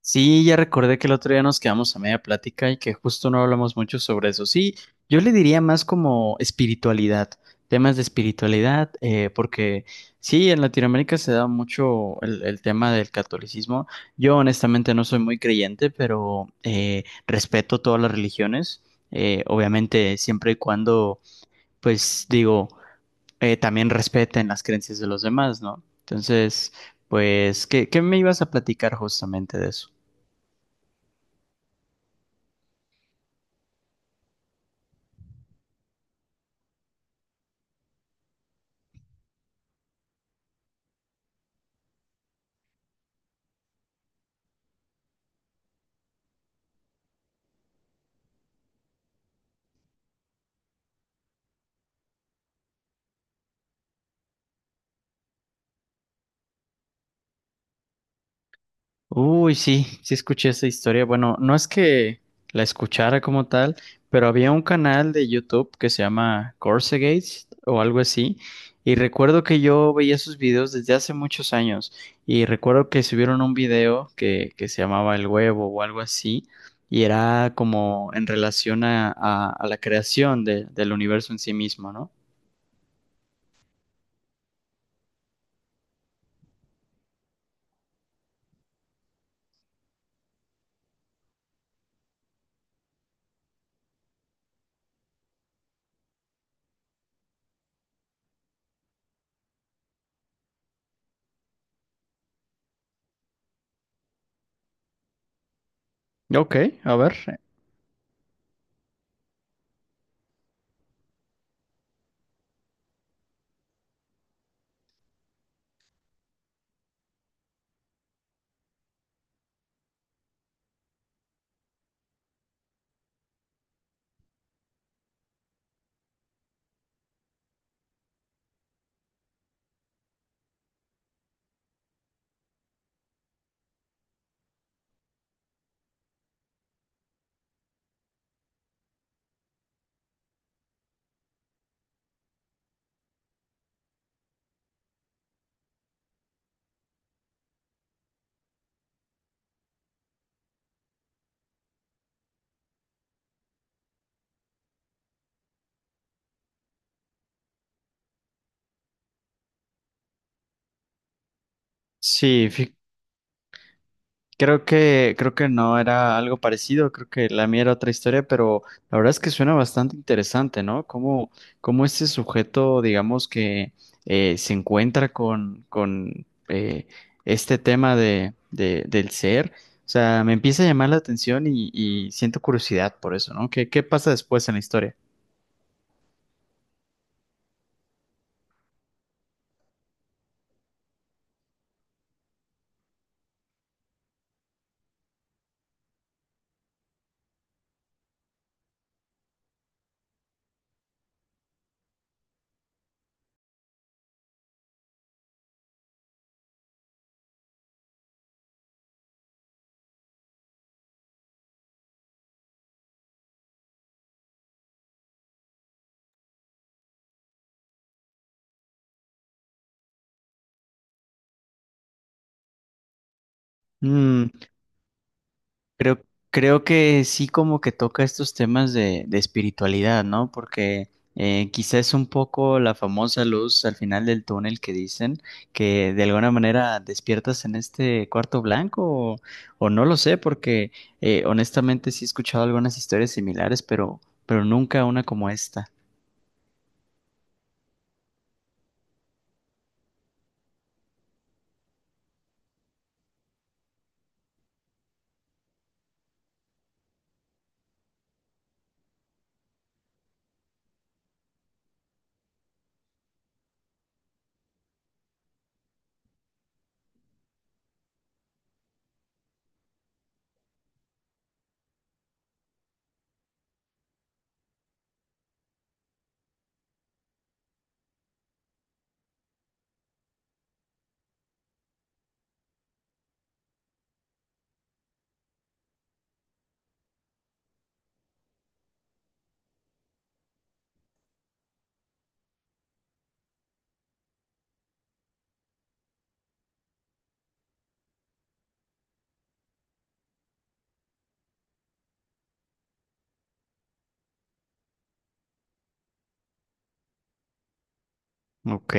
Sí, ya recordé que el otro día nos quedamos a media plática y que justo no hablamos mucho sobre eso. Sí, yo le diría más como espiritualidad, temas de espiritualidad, porque sí, en Latinoamérica se da mucho el tema del catolicismo. Yo honestamente no soy muy creyente, pero respeto todas las religiones, obviamente siempre y cuando, pues digo, también respeten las creencias de los demás, ¿no? Entonces, pues, ¿qué me ibas a platicar justamente de eso? Uy, sí, sí escuché esa historia. Bueno, no es que la escuchara como tal, pero había un canal de YouTube que se llama Gates o algo así. Y recuerdo que yo veía sus videos desde hace muchos años. Y recuerdo que subieron un video que se llamaba El Huevo o algo así. Y era como en relación a la creación del universo en sí mismo, ¿no? Ok, a ver. Sí, fi- Creo que no era algo parecido, creo que la mía era otra historia, pero la verdad es que suena bastante interesante, ¿no? Cómo este sujeto, digamos que se encuentra con este tema de, del ser. O sea, me empieza a llamar la atención y siento curiosidad por eso, ¿no? ¿Qué pasa después en la historia? Creo, creo que sí como que toca estos temas de espiritualidad, ¿no? Porque quizá es un poco la famosa luz al final del túnel que dicen que de alguna manera despiertas en este cuarto blanco o, o no lo sé, porque honestamente sí he escuchado algunas historias similares, pero nunca una como esta. Ok.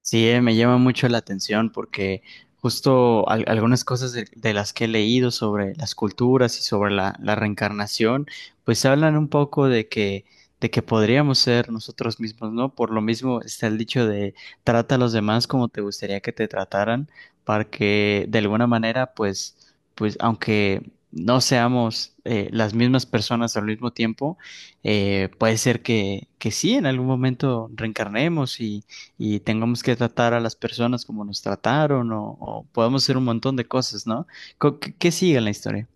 Sí, me llama mucho la atención porque justo algunas cosas de las que he leído sobre las culturas y sobre la reencarnación, pues hablan un poco de que podríamos ser nosotros mismos, ¿no? Por lo mismo está el dicho de trata a los demás como te gustaría que te trataran, para que de alguna manera, pues, pues aunque no seamos las mismas personas al mismo tiempo, puede ser que sí, en algún momento reencarnemos y tengamos que tratar a las personas como nos trataron o podemos hacer un montón de cosas, ¿no? ¿Qué sigue en la historia?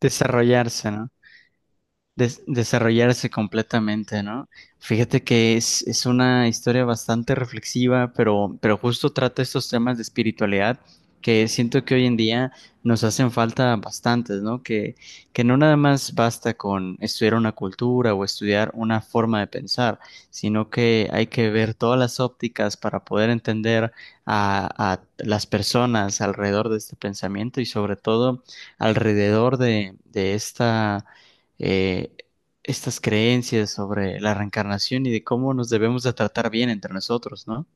Desarrollarse, ¿no? Desarrollarse completamente, ¿no? Fíjate que es una historia bastante reflexiva, pero justo trata estos temas de espiritualidad que siento que hoy en día nos hacen falta bastantes, ¿no? Que no nada más basta con estudiar una cultura o estudiar una forma de pensar, sino que hay que ver todas las ópticas para poder entender a las personas alrededor de este pensamiento y sobre todo alrededor de esta eh, estas creencias sobre la reencarnación y de cómo nos debemos de tratar bien entre nosotros, ¿no?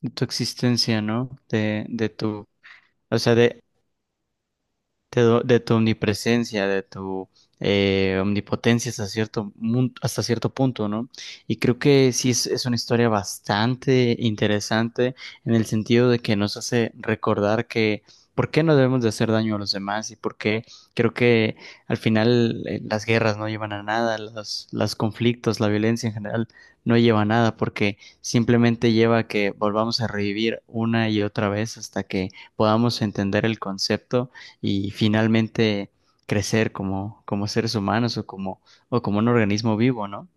De tu existencia, ¿no? De tu, o sea, de de tu omnipresencia, de tu omnipotencia hasta cierto, hasta cierto punto, ¿no? Y creo que sí es una historia bastante interesante en el sentido de que nos hace recordar que por qué no debemos de hacer daño a los demás y por qué creo que al final las guerras no llevan a nada, los conflictos, la violencia en general no lleva a nada porque simplemente lleva a que volvamos a revivir una y otra vez hasta que podamos entender el concepto y finalmente crecer como, como seres humanos o como un organismo vivo, ¿no?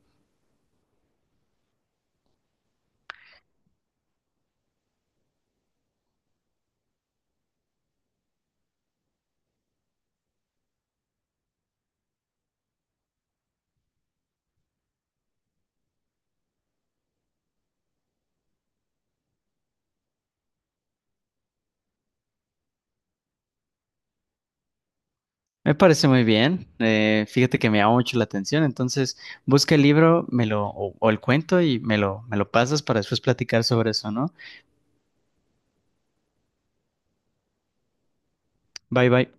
Me parece muy bien. Fíjate que me llama mucho la atención. Entonces, busca el libro, me lo, o el cuento y me lo pasas para después platicar sobre eso, ¿no? Bye bye.